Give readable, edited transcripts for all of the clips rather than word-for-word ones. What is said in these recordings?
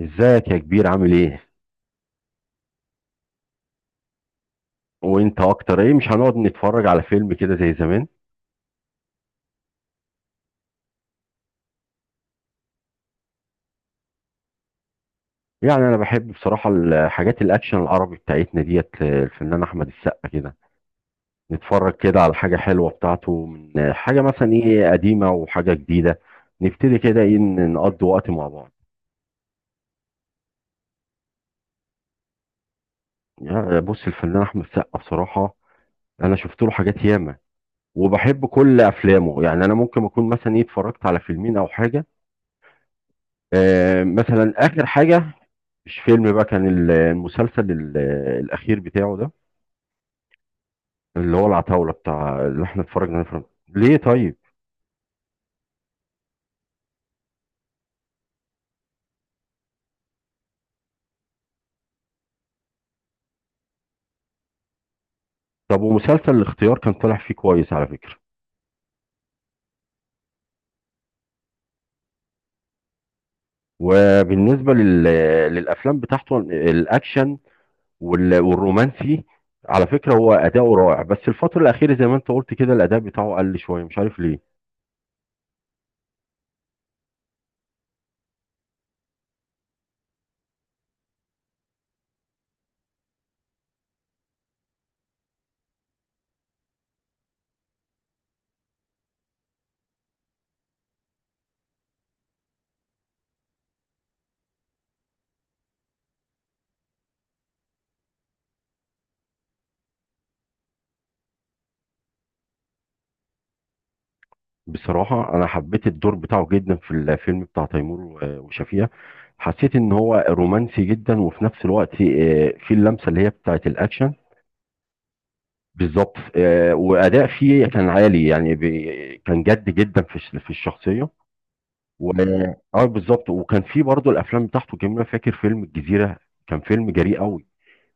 ازيك يا كبير، عامل ايه؟ وانت اكتر، ايه مش هنقعد نتفرج على فيلم كده زي زمان؟ يعني انا بحب بصراحة الحاجات الاكشن العربي بتاعتنا ديت، الفنان احمد السقا كده. نتفرج كده على حاجة حلوة بتاعته، من حاجة مثلا ايه قديمة وحاجة جديدة. نبتدي كده ايه، نقضي وقت مع بعض. يعني بص، الفنان احمد السقا بصراحة انا شفت له حاجات ياما، وبحب كل افلامه. يعني انا ممكن اكون مثلا ايه اتفرجت على فيلمين او حاجة. مثلا اخر حاجه، مش فيلم بقى، كان المسلسل الاخير بتاعه ده، اللي هو العتاوله بتاع اللي احنا اتفرجنا عليه في رمضان. ليه؟ طيب، طب ومسلسل الاختيار كان طالع فيه كويس على فكره. وبالنسبه للافلام بتاعته الاكشن والرومانسي، على فكره هو اداؤه رائع، بس الفتره الاخيره زي ما انت قلت كده الاداء بتاعه قل شويه، مش عارف ليه. بصراحة أنا حبيت الدور بتاعه جدا في الفيلم بتاع تيمور وشفيقة. حسيت إن هو رومانسي جدا، وفي نفس الوقت في اللمسة اللي هي بتاعت الأكشن. بالظبط، وأداء فيه كان عالي. يعني كان جد جدا في في الشخصية. و اه بالظبط، وكان في برضه الأفلام بتاعته جميلة. فاكر فيلم الجزيرة، كان فيلم جريء قوي،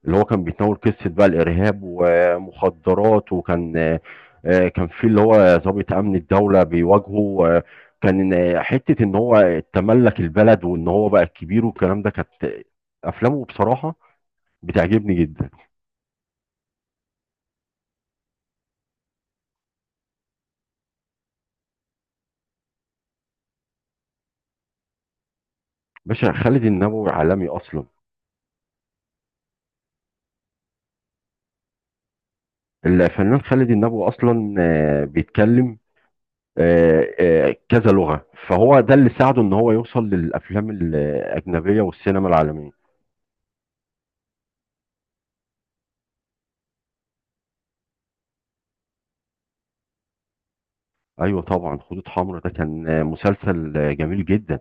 اللي هو كان بيتناول قصة بقى الإرهاب ومخدرات. وكان كان في اللي هو ضابط أمن الدولة بيواجهه. كان حتة إن هو تملك البلد وإن هو بقى الكبير والكلام ده. كانت أفلامه بصراحة بتعجبني جدا. باشا خالد النبوي عالمي أصلا. الفنان خالد النبوي أصلا بيتكلم كذا لغة، فهو ده اللي ساعده إن هو يوصل للأفلام الأجنبية والسينما العالمية. ايوه طبعا، خطوط حمراء ده كان مسلسل جميل جدا،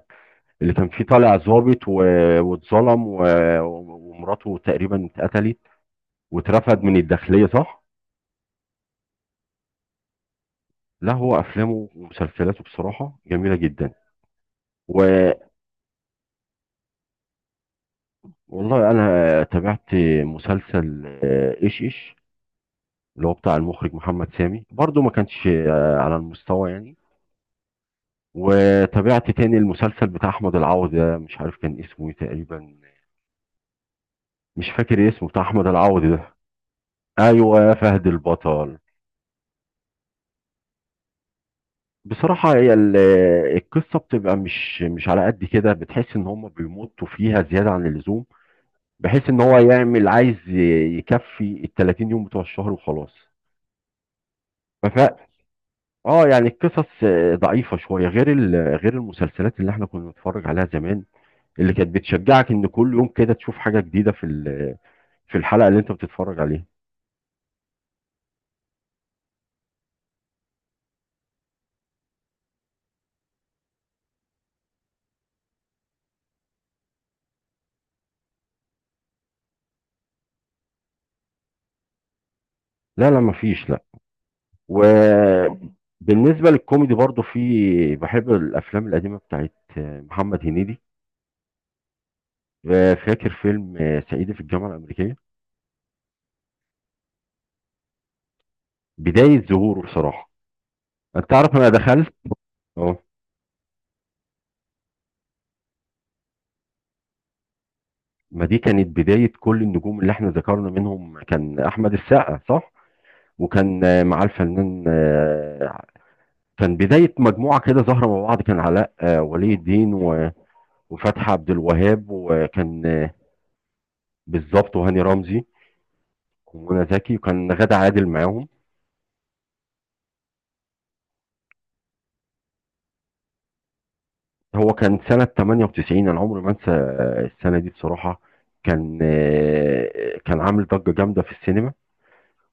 اللي كان فيه طالع ظابط واتظلم ومراته تقريبا اتقتلت، واترفد من الداخليه، صح؟ لا هو افلامه ومسلسلاته بصراحه جميله جدا. و- والله انا تابعت مسلسل ايش ايش، اللي هو بتاع المخرج محمد سامي، برضو ما كانش على المستوى يعني. وتابعت تاني المسلسل بتاع احمد العوضي ده، مش عارف كان اسمه إيه تقريبا، مش فاكر اسمه بتاع احمد العوضي ده. ايوه، يا فهد البطل. بصراحة هي القصة بتبقى مش على قد كده، بتحس ان هم بيمطوا فيها زيادة عن اللزوم، بحيث ان هو يعمل عايز يكفي ال 30 يوم بتوع الشهر وخلاص. فف اه يعني القصص ضعيفة شوية، غير غير المسلسلات اللي احنا كنا بنتفرج عليها زمان، اللي كانت بتشجعك ان كل يوم كده تشوف حاجة جديدة في في الحلقة اللي انت بتتفرج عليها. لا لا، مفيش. وبالنسبة للكوميدي برضو، في بحب الأفلام القديمة بتاعت محمد هنيدي. فاكر فيلم صعيدي في الجامعة الأمريكية، بداية ظهوره بصراحة. أنت عارف أنا دخلت. أه، ما دي كانت بداية كل النجوم اللي احنا ذكرنا، منهم كان أحمد السقا، صح؟ وكان معاه الفنان كان بداية مجموعة كده ظاهرة مع بعض. كان علاء ولي الدين وفتحي عبد الوهاب، وكان بالظبط وهاني رمزي ومنى زكي، وكان غادة عادل معاهم. هو كان سنة 98، أنا عمري ما أنسى السنة دي بصراحة. كان كان عامل ضجة جامدة في السينما،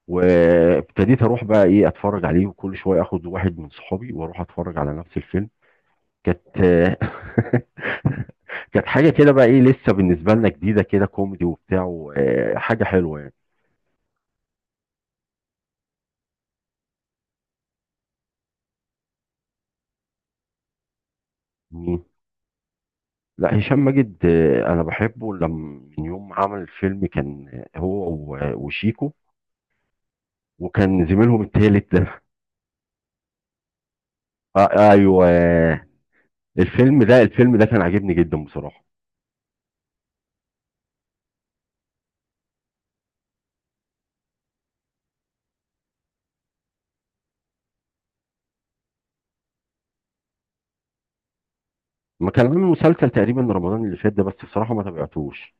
وابتديت أروح بقى إيه أتفرج عليه، وكل شوية آخد واحد من صحابي وأروح أتفرج على نفس الفيلم. كانت كانت حاجة كده بقى إيه لسه بالنسبة لنا جديدة كده، كوميدي وبتاع حاجة حلوة يعني. مين؟ لا هشام ماجد، أنا بحبه. لما من يوم ما عمل الفيلم كان هو وشيكو وكان زميلهم التالت ده، آه ايوه. الفيلم ده، الفيلم ده كان عاجبني جدا بصراحه. ما كان عامل مسلسل تقريبا رمضان اللي فات ده، بس بصراحه ما تابعتوش.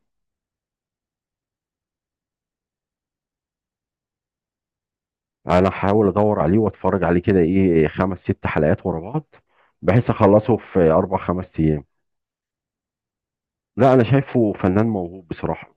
انا هحاول ادور عليه واتفرج عليه كده ايه، خمس ست حلقات ورا بعض، بحيث اخلصه في اربع خمس ايام. لا انا شايفه فنان موهوب بصراحه.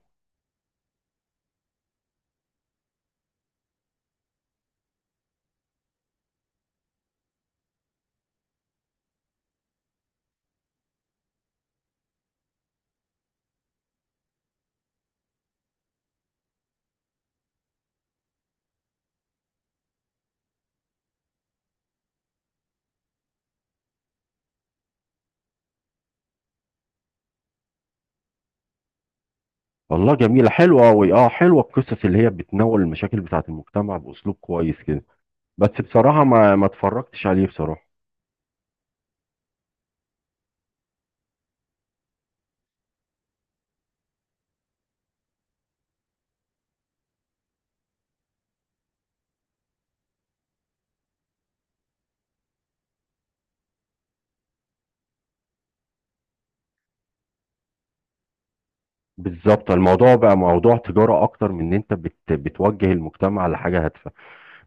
والله جميله، حلوه قوي، اه حلوه القصص اللي هي بتناول المشاكل بتاعه المجتمع باسلوب كويس كده. بس بصراحه ما اتفرجتش عليه بصراحه. بالظبط، الموضوع بقى موضوع تجاره اكتر من ان انت بت بتوجه المجتمع لحاجه هادفه.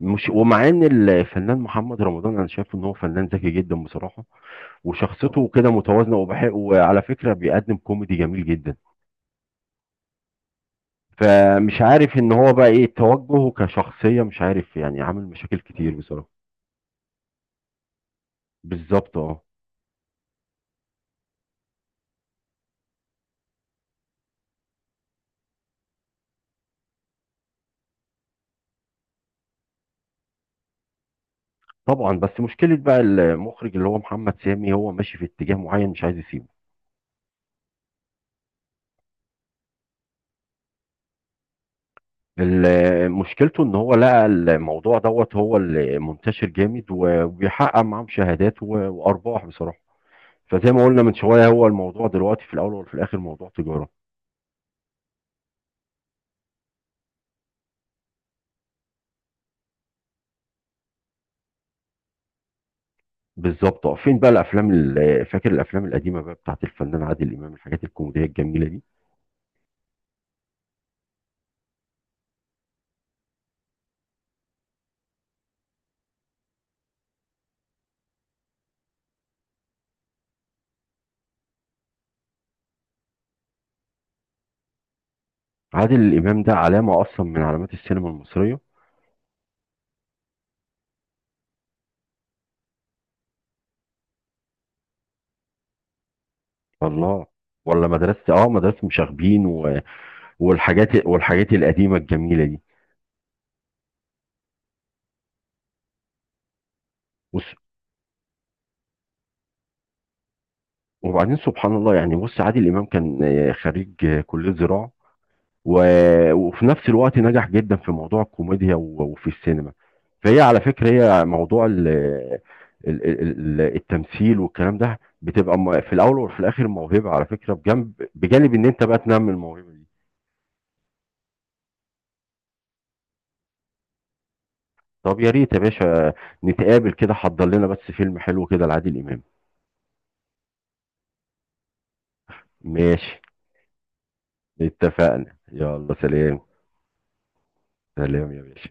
مش، ومع ان الفنان محمد رمضان انا شايف ان هو فنان ذكي جدا بصراحه، وشخصيته كده متوازنه وبحق، وعلى فكره بيقدم كوميدي جميل جدا. فمش عارف ان هو بقى ايه توجهه كشخصيه، مش عارف يعني، عامل مشاكل كتير بصراحه. بالظبط اه. طبعا، بس مشكله بقى، المخرج اللي هو محمد سامي، هو ماشي في اتجاه معين مش عايز يسيبه. مشكلته ان هو لقى الموضوع دوت هو اللي منتشر جامد، وبيحقق معاه مشاهدات وارباح بصراحه. فزي ما قلنا من شويه، هو الموضوع دلوقتي في الاول وفي الاخر موضوع تجاره. بالظبط اه. فين بقى الافلام فاكر الافلام القديمه بقى بتاعت الفنان عادل امام، الحاجات الكوميديه الجميله دي. عادل امام ده علامه اصلا من علامات السينما المصريه. الله، ولا مدرسه، اه مدرسه مشاغبين والحاجات، القديمه الجميله دي. بص، وبعدين سبحان الله، يعني بص عادل امام كان خريج كليه زراعه، وفي نفس الوقت نجح جدا في موضوع الكوميديا وفي السينما. فهي على فكرة، هي موضوع ال ال التمثيل والكلام ده بتبقى في الأول وفي الآخر موهبة، على فكرة، بجنب بجانب إن أنت بقى تنمي الموهبة دي. طب يا ريت يا باشا، نتقابل كده، حضر لنا بس فيلم حلو كده لعادل إمام. ماشي، اتفقنا، يلا سلام. سلام يا باشا.